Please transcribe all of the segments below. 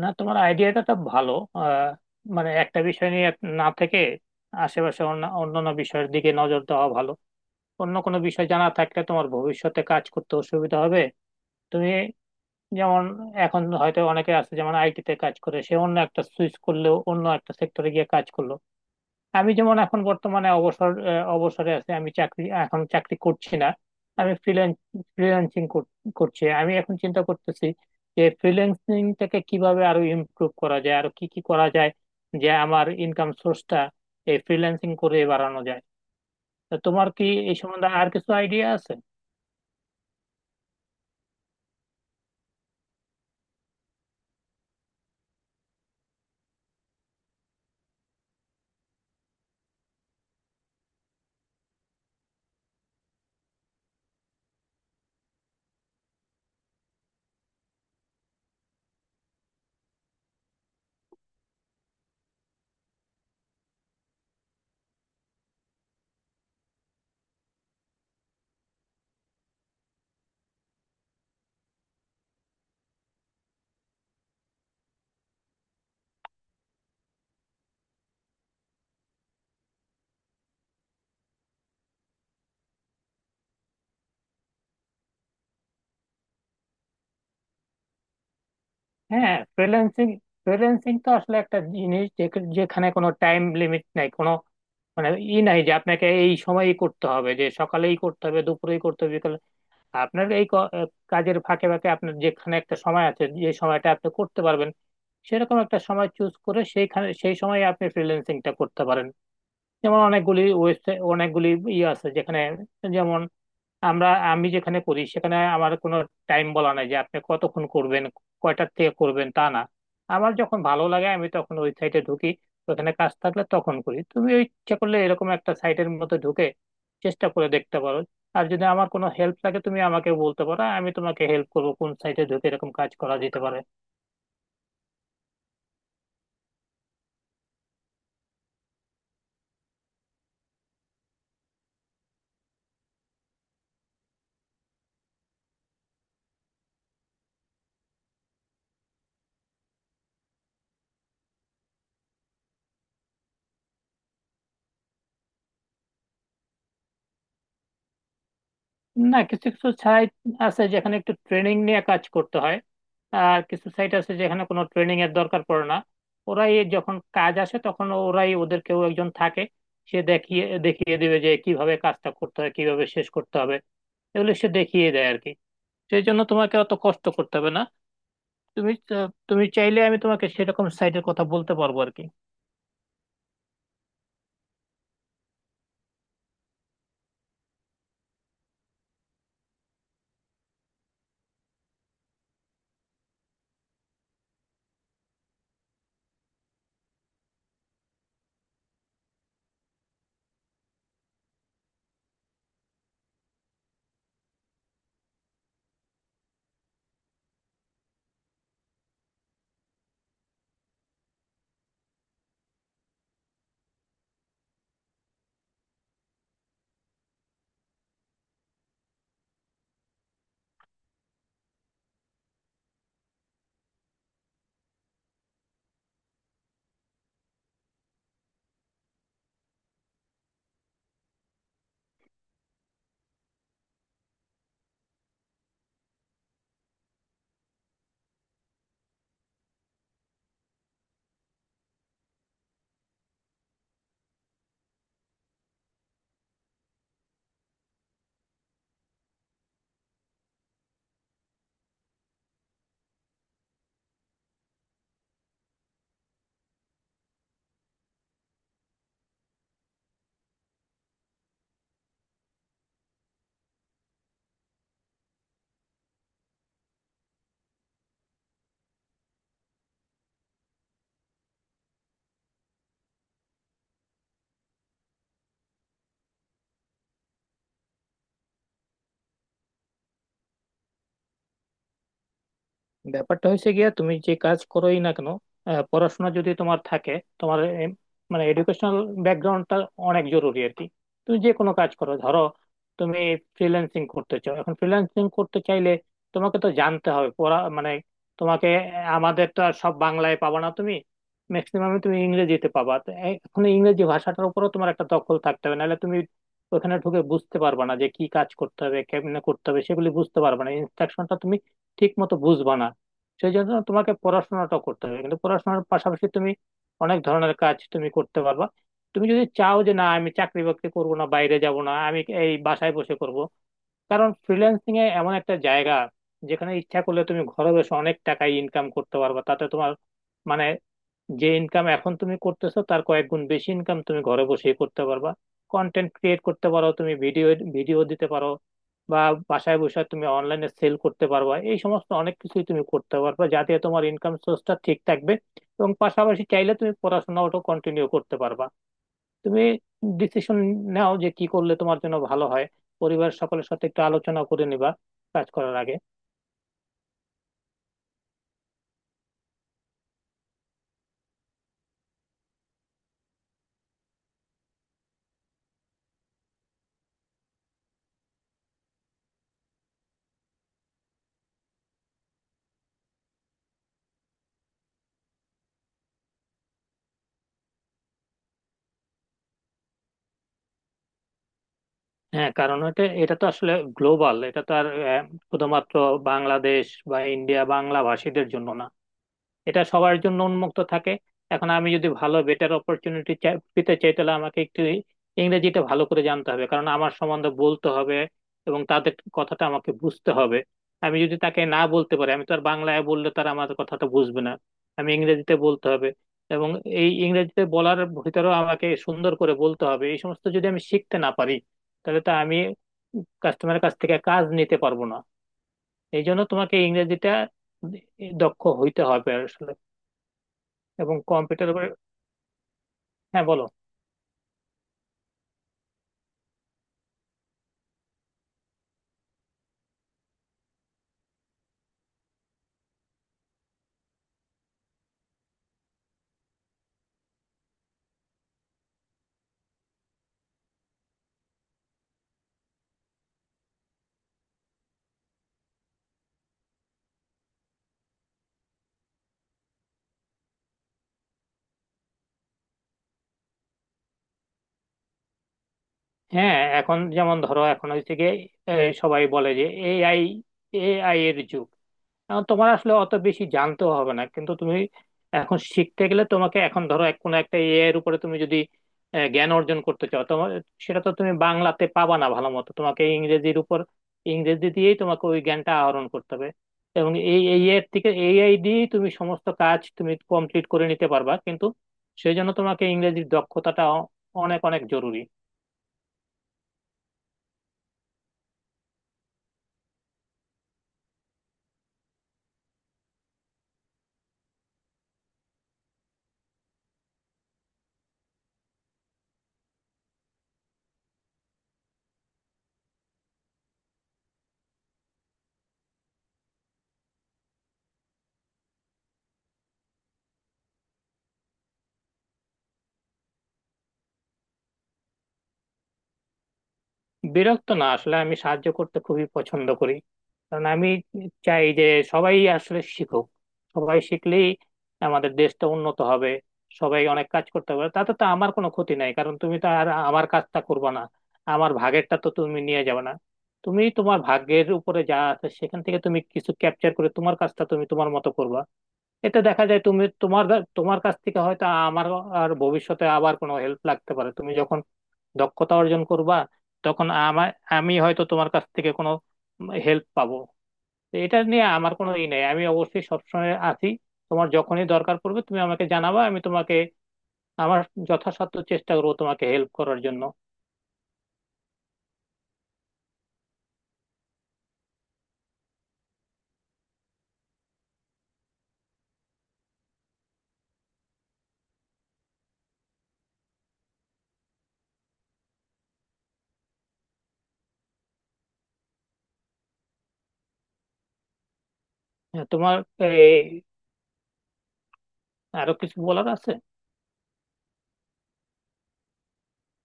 না, তোমার আইডিয়াটা তো ভালো। আহ, মানে একটা বিষয় নিয়ে না থেকে আশেপাশে অন্যান্য বিষয়ের দিকে নজর দেওয়া ভালো। অন্য কোনো বিষয় জানা থাকলে তোমার ভবিষ্যতে কাজ করতে অসুবিধা হবে। তুমি যেমন, এখন হয়তো অনেকে আছে, যেমন আইটি তে কাজ করে, সে অন্য একটা সুইচ করলেও অন্য একটা সেক্টরে গিয়ে কাজ করলো। আমি যেমন এখন বর্তমানে অবসর অবসরে আছি, আমি চাকরি এখন চাকরি করছি না। আমি ফ্রিল্যান্সিং করছি। আমি এখন চিন্তা করতেছি যে ফ্রিল্যান্সিংটাকে কিভাবে আরো ইমপ্রুভ করা যায়, আরো কি কি করা যায়, যে আমার ইনকাম সোর্সটা এই ফ্রিল্যান্সিং করে বাড়ানো যায়। তা তোমার কি এই সম্বন্ধে আর কিছু আইডিয়া আছে? হ্যাঁ, ফ্রিল্যান্সিং ফ্রিল্যান্সিং তো আসলে একটা জিনিস যে- যেখানে কোনো টাইম লিমিট নাই, কোনো মানে ই নাই যে আপনাকে এই সময়ই করতে হবে, যে সকালেই করতে হবে দুপুরেই। আপনার এই কাজের ফাঁকে ফাঁকে আপনার যেখানে একটা সময় আছে, যে সময়টা আপনি করতে পারবেন, সেরকম একটা সময় চুজ করে সেইখানে সেই সময় আপনি ফ্রিল্যান্সিংটা করতে পারেন। যেমন অনেকগুলি ওয়েবসাইট, অনেকগুলি ইয়ে আছে যেখানে, যেমন আমি যেখানে করি, সেখানে আমার কোনো টাইম বলা নাই যে আপনি কতক্ষণ করবেন, কয়টার থেকে করবেন, তা না। আমার যখন ভালো লাগে আমি তখন ওই সাইটে ঢুকি, ওখানে কাজ থাকলে তখন করি। তুমি ওই ইচ্ছা করলে এরকম একটা সাইটের মধ্যে ঢুকে চেষ্টা করে দেখতে পারো। আর যদি আমার কোনো হেল্প লাগে, তুমি আমাকে বলতে পারো, আমি তোমাকে হেল্প করবো কোন সাইটে ঢুকে এরকম কাজ করা যেতে পারে। না, কিছু কিছু সাইট আছে যেখানে একটু ট্রেনিং নিয়ে কাজ করতে হয়, আর কিছু সাইট আছে যেখানে কোনো ট্রেনিং এর দরকার পড়ে না। ওরাই যখন কাজ আসে তখন ওরাই, ওদের কেউ একজন থাকে, সে দেখিয়ে দেখিয়ে দিবে যে কিভাবে কাজটা করতে হয়, কিভাবে শেষ করতে হবে, এগুলো সে দেখিয়ে দেয় আর কি। সেই জন্য তোমাকে অত কষ্ট করতে হবে না। তুমি তুমি চাইলে আমি তোমাকে সেরকম সাইটের কথা বলতে পারবো আর কি। ব্যাপারটা হয়েছে গিয়া, তুমি যে কাজ করোই না কেন, পড়াশোনা যদি তোমার থাকে, তোমার মানে এডুকেশনাল ব্যাকগ্রাউন্ডটা অনেক জরুরি আর কি। তুমি যে কোনো কাজ করো, ধরো তুমি ফ্রিল্যান্সিং করতে চাও, এখন ফ্রিল্যান্সিং করতে চাইলে তোমাকে তো জানতে হবে, পড়া মানে তোমাকে আমাদের তো আর সব বাংলায় পাবা না, তুমি ম্যাক্সিমাম তুমি ইংরেজিতে পাবা, তো এখন ইংরেজি ভাষাটার উপরও তোমার একটা দখল থাকতে হবে, নাহলে তুমি ওখানে ঢুকে বুঝতে পারবা না যে কি কাজ করতে হবে, কেমনে করতে হবে সেগুলি বুঝতে পারবা না, ইনস্ট্রাকশনটা তুমি ঠিক মতো বুঝবা না। সেই জন্য তোমাকে পড়াশোনাটা করতে হবে, কিন্তু পড়াশোনার পাশাপাশি তুমি অনেক ধরনের কাজ তুমি করতে পারবা। তুমি যদি চাও যে না আমি চাকরি বাকরি করবো না, বাইরে যাব না, আমি এই বাসায় বসে করব, কারণ ফ্রিল্যান্সিং এ এমন একটা জায়গা যেখানে ইচ্ছা করলে তুমি ঘরে বসে অনেক টাকা ইনকাম করতে পারবা। তাতে তোমার মানে যে ইনকাম এখন তুমি করতেছো, তার কয়েক গুণ বেশি ইনকাম তুমি ঘরে বসেই করতে পারবা। কন্টেন্ট ক্রিয়েট করতে পারো, তুমি ভিডিও ভিডিও দিতে পারো, বা বাসায় বসে তুমি অনলাইনে সেল করতে পারবা, এই সমস্ত অনেক কিছুই তুমি করতে পারবা, যাতে তোমার ইনকাম সোর্সটা ঠিক থাকবে, এবং পাশাপাশি চাইলে তুমি পড়াশোনাটাও কন্টিনিউ করতে পারবা। তুমি ডিসিশন নাও যে কি করলে তোমার জন্য ভালো হয়। পরিবার সকলের সাথে একটু আলোচনা করে নিবা কাজ করার আগে। হ্যাঁ, কারণ এটা এটা তো আসলে গ্লোবাল, এটা তো আর শুধুমাত্র বাংলাদেশ বা ইন্ডিয়া বাংলা ভাষীদের জন্য না, এটা সবার জন্য উন্মুক্ত থাকে। এখন আমি যদি ভালো বেটার অপরচুনিটি পেতে চাই, তাহলে আমাকে একটু ইংরেজিটা ভালো করে জানতে হবে, কারণ আমার সম্বন্ধে বলতে হবে এবং তাদের কথাটা আমাকে বুঝতে হবে। আমি যদি তাকে না বলতে পারি, আমি তো আর বাংলায় বললে তারা আমার কথাটা বুঝবে না, আমি ইংরেজিতে বলতে হবে। এবং এই ইংরেজিতে বলার ভিতরেও আমাকে সুন্দর করে বলতে হবে। এই সমস্ত যদি আমি শিখতে না পারি, তাহলে তো আমি কাস্টমারের কাছ থেকে কাজ নিতে পারবো না। এই জন্য তোমাকে ইংরেজিটা দক্ষ হইতে হবে আসলে, এবং কম্পিউটার উপরে। হ্যাঁ, বলো। হ্যাঁ, এখন যেমন ধরো, এখন হচ্ছে গিয়ে এই, সবাই বলে যে এআই এআই এর যুগ। এখন তোমার আসলে অত বেশি জানতেও হবে না, কিন্তু তুমি এখন শিখতে গেলে তোমাকে, এখন ধরো এক কোনো একটা এআই এর উপরে তুমি যদি জ্ঞান অর্জন করতে চাও, তোমার সেটা তো তুমি বাংলাতে পাবা না ভালো মতো, তোমাকে ইংরেজির উপর, ইংরেজি দিয়েই তোমাকে ওই জ্ঞানটা আহরণ করতে হবে। এবং এই এআই এর থেকে, এআই দিয়েই তুমি সমস্ত কাজ তুমি কমপ্লিট করে নিতে পারবা, কিন্তু সেই জন্য তোমাকে ইংরেজির দক্ষতাটা অনেক অনেক জরুরি। বিরক্ত না, আসলে আমি সাহায্য করতে খুবই পছন্দ করি। কারণ আমি চাই যে সবাই আসলে শিখুক, সবাই শিখলেই আমাদের দেশটা উন্নত হবে, সবাই অনেক কাজ করতে পারবে। তাতে তো আমার কোনো ক্ষতি নাই, কারণ তুমি তো আর আমার কাজটা করবে না, আমার ভাগেরটা তো তুমি নিয়ে যাবে না। তুমি তোমার ভাগ্যের উপরে যা আছে সেখান থেকে তুমি কিছু ক্যাপচার করে তোমার কাজটা তুমি তোমার মতো করবা। এতে দেখা যায় তুমি তোমার তোমার কাছ থেকে হয়তো আমার, আর ভবিষ্যতে আবার কোনো হেল্প লাগতে পারে, তুমি যখন দক্ষতা অর্জন করবা, তখন আমি হয়তো তোমার কাছ থেকে কোনো হেল্প পাবো। তো এটা নিয়ে আমার কোনো ই নেই, আমি অবশ্যই সবসময় আছি। তোমার যখনই দরকার পড়বে তুমি আমাকে জানাবা, আমি তোমাকে, আমার যথাসাধ্য চেষ্টা করবো তোমাকে হেল্প করার জন্য। হ্যাঁ, তোমার এই আরো কিছু বলার আছে?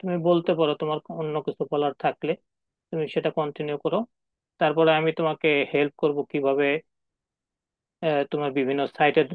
তুমি বলতে পারো, তোমার অন্য কিছু বলার থাকলে তুমি সেটা কন্টিনিউ করো, তারপরে আমি তোমাকে হেল্প করব কিভাবে তোমার বিভিন্ন সাইটের